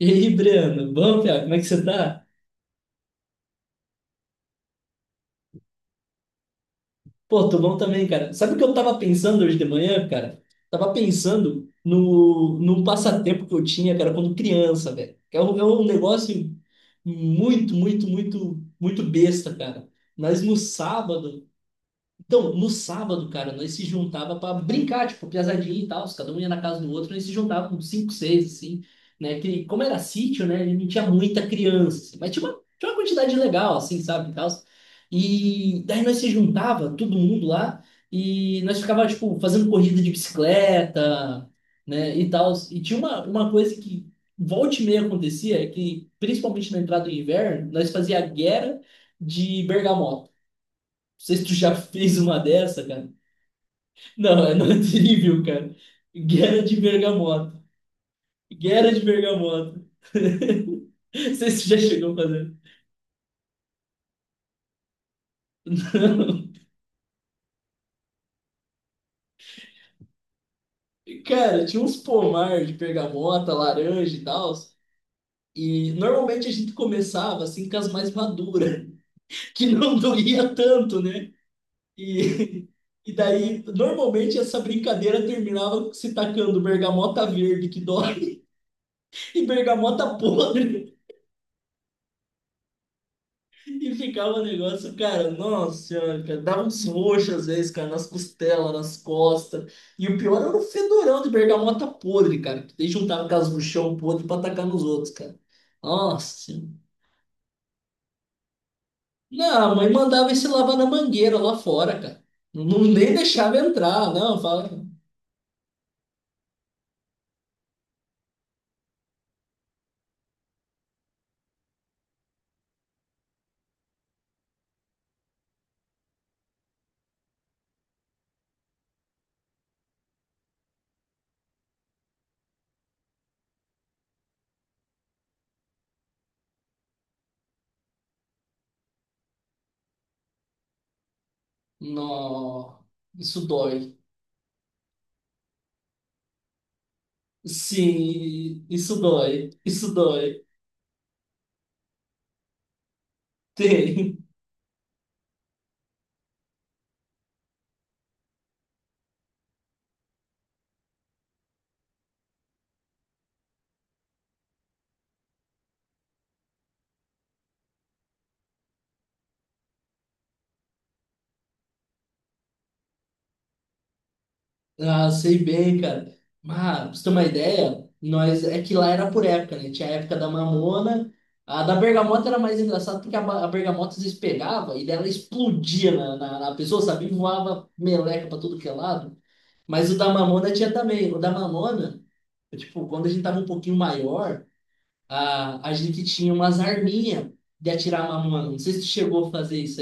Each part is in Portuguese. E aí, Breno, bom, cara? Como é que você tá? Pô, tô bom também, cara. Sabe o que eu tava pensando hoje de manhã, cara? Tava pensando no passatempo que eu tinha, cara, quando criança, velho. É um negócio muito, muito, muito, muito besta, cara. Mas no sábado, no sábado, cara, nós se juntava para brincar, tipo, piazadinha e tal, cada um ia na casa do outro, nós se juntava com cinco, seis, assim, né? Que, como era sítio, né? Não tinha muita criança, assim, mas tinha uma quantidade legal, assim, sabe, e tal. E daí nós se juntava, todo mundo lá, e nós ficava, tipo, fazendo corrida de bicicleta, né, e tal. E tinha uma coisa que volta e meia acontecia, é que, principalmente na entrada do inverno, nós fazia guerra de bergamota. Não sei se tu já fez uma dessa, cara. Não, é não é terrível, cara. Guerra de bergamota. Guerra de bergamota. Não sei se tu já chegou a fazer. Cara, tinha uns pomar de bergamota, laranja e tal. E normalmente a gente começava assim com as mais maduras, que não doía tanto, né? E, e daí, normalmente essa brincadeira terminava se tacando bergamota verde que dói e bergamota podre. E ficava um negócio, cara, nossa senhora, cara, dava uns roxos às vezes, cara, nas costelas, nas costas. E o pior era o fedorão de bergamota podre, cara, que eles juntava com as no chão podre pra atacar nos outros, cara. Nossa senhora. Não, a mãe mandava ele se lavar na mangueira lá fora, cara. Não nem deixava entrar, não, fala. Não, isso dói. Sim, isso dói, isso dói. Tem. Ah, sei bem, cara. Mas, pra você ter uma ideia, nós é que lá era por época, né? Tinha a época da mamona. A da bergamota era mais engraçada porque a bergamota às vezes pegava e daí ela explodia na pessoa, sabe? E voava meleca pra tudo que é lado. Mas o da mamona tinha também. O da mamona, tipo, quando a gente tava um pouquinho maior, a gente tinha umas arminhas de atirar a mamona. Não sei se tu chegou a fazer isso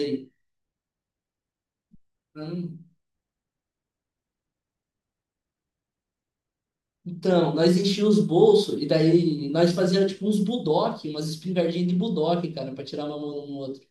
aí. Então, nós enchíamos os bolsos e daí nós fazíamos tipo uns budoque, umas espingardinhas de budoque, cara, pra tirar uma mão no outro.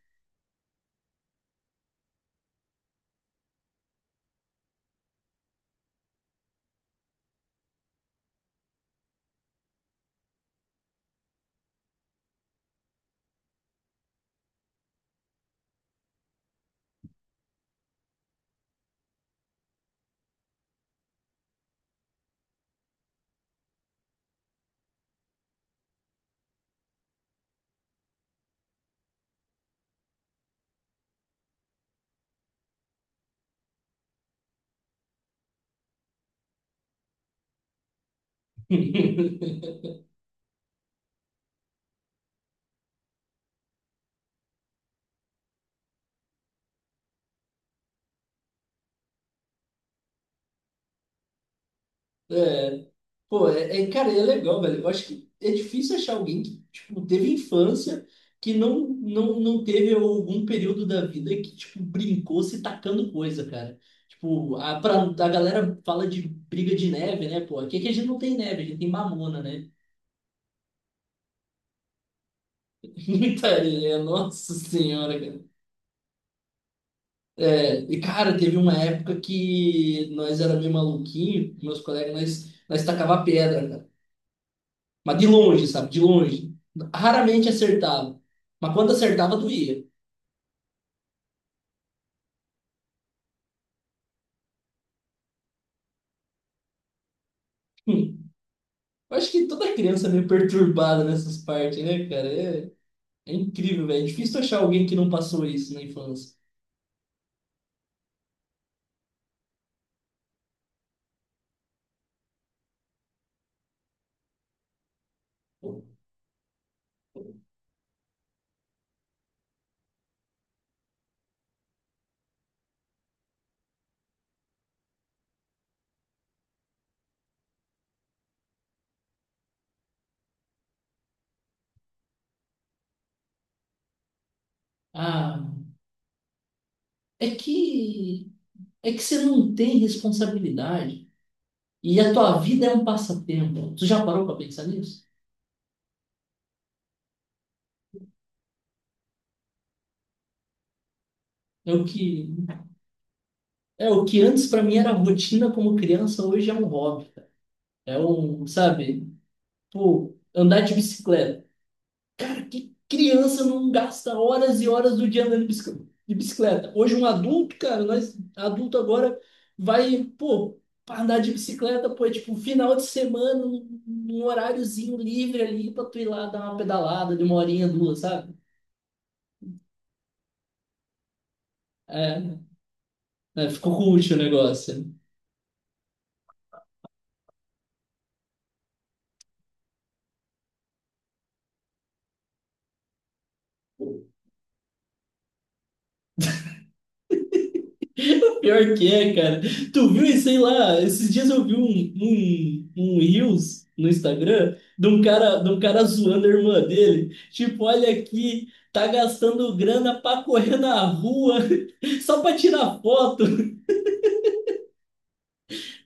É, é, cara, é legal, velho. Eu acho que é difícil achar alguém que, tipo, teve infância que não teve algum período da vida que, tipo, brincou se tacando coisa, cara. Tipo, a galera fala de briga de neve, né, pô? Aqui é que a gente não tem neve, a gente tem mamona, né? Muita nossa senhora, é, e cara, teve uma época que nós era meio maluquinho, meus colegas, nós tacava pedra, cara. Mas de longe, sabe? De longe. Raramente acertava. Mas quando acertava, doía. Hum. Eu acho que toda criança é meio perturbada nessas partes, né, cara? É, é incrível, velho. É difícil achar alguém que não passou isso na infância. Ah, é que é que você não tem responsabilidade e a tua vida é um passatempo. Tu já parou para pensar nisso? É o que é o que antes para mim era rotina como criança, hoje é um hobby. É um, sabe, pô, andar de bicicleta. Pra que criança não gasta horas e horas do dia andando de bicicleta? Hoje um adulto, cara, nós adulto agora vai, pô, pra andar de bicicleta, pô, é tipo final de semana, um horáriozinho livre ali pra tu ir lá dar uma pedalada de uma horinha, duas, sabe? É, é, ficou cult o negócio. Pior que é, cara. Tu viu, e sei lá, esses dias eu vi um Reels no Instagram de um cara zoando a irmã dele. Tipo, olha aqui, tá gastando grana pra correr na rua só pra tirar foto.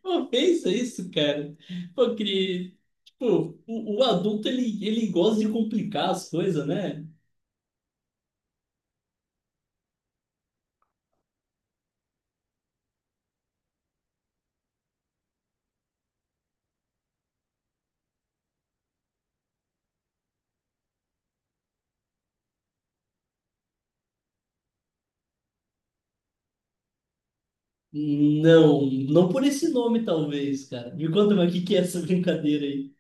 Pô, pensa isso, cara. Pô, que, tipo, o adulto, ele gosta de complicar as coisas, né? Não, não por esse nome, talvez, cara. Me conta, mas o que que é essa brincadeira aí?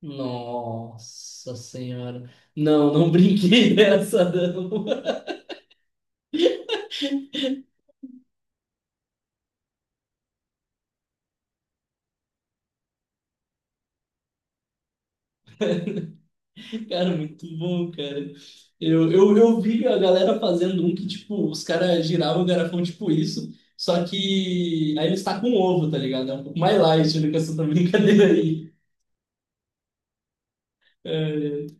Nossa senhora. Não, não brinquei dessa, não. Cara, muito bom, cara. Eu vi a galera fazendo um que, tipo, os caras giravam o garrafão tipo isso, só que aí eles tacam um ovo, tá ligado? É um pouco mais light do que essa brincadeira aí. É,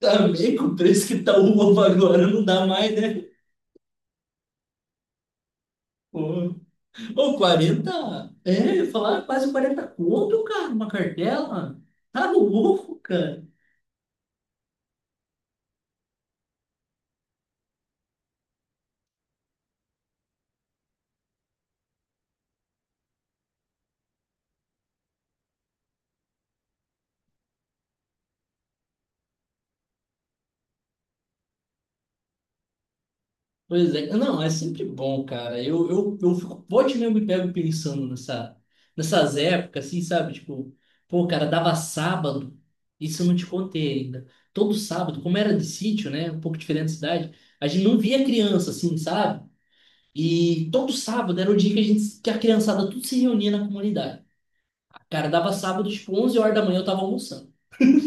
também com o preço que tá o ovo agora, não dá mais, né? Pô, Ô, 40 é, eu ia falar quase 40 conto, cara, uma cartela. Tá louco, cara. Pois é, não, é sempre bom, cara. Eu fico, pode mesmo me pego pensando nessa, nessas épocas, assim, sabe? Tipo, pô, cara, dava sábado, isso eu não te contei ainda. Todo sábado, como era de sítio, né? Um pouco diferente da cidade, a gente não via criança, assim, sabe? E todo sábado era o dia que a gente, que a criançada tudo se reunia na comunidade. Cara, dava sábado, tipo, 11 horas da manhã eu tava almoçando.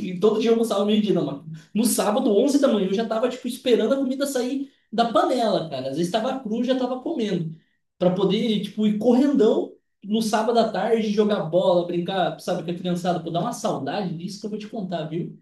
E todo dia eu almoçava meio-dia, não, mano. No sábado, 11 da manhã, eu já tava, tipo, esperando a comida sair da panela, cara. Às vezes tava cru, já tava comendo. Pra poder, tipo, ir correndão no sábado à tarde, jogar bola, brincar, sabe, com a criançada. Pô, dá uma saudade disso que eu vou te contar, viu?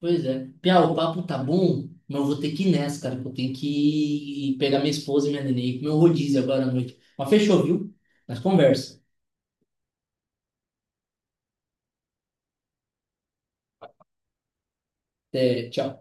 Pois é. Pia, o papo tá bom, mas eu vou ter que ir nessa, cara, que eu tenho que pegar minha esposa e minha neném, e comer um rodízio agora à noite. Mas fechou, viu? Mas conversa. Até, tchau.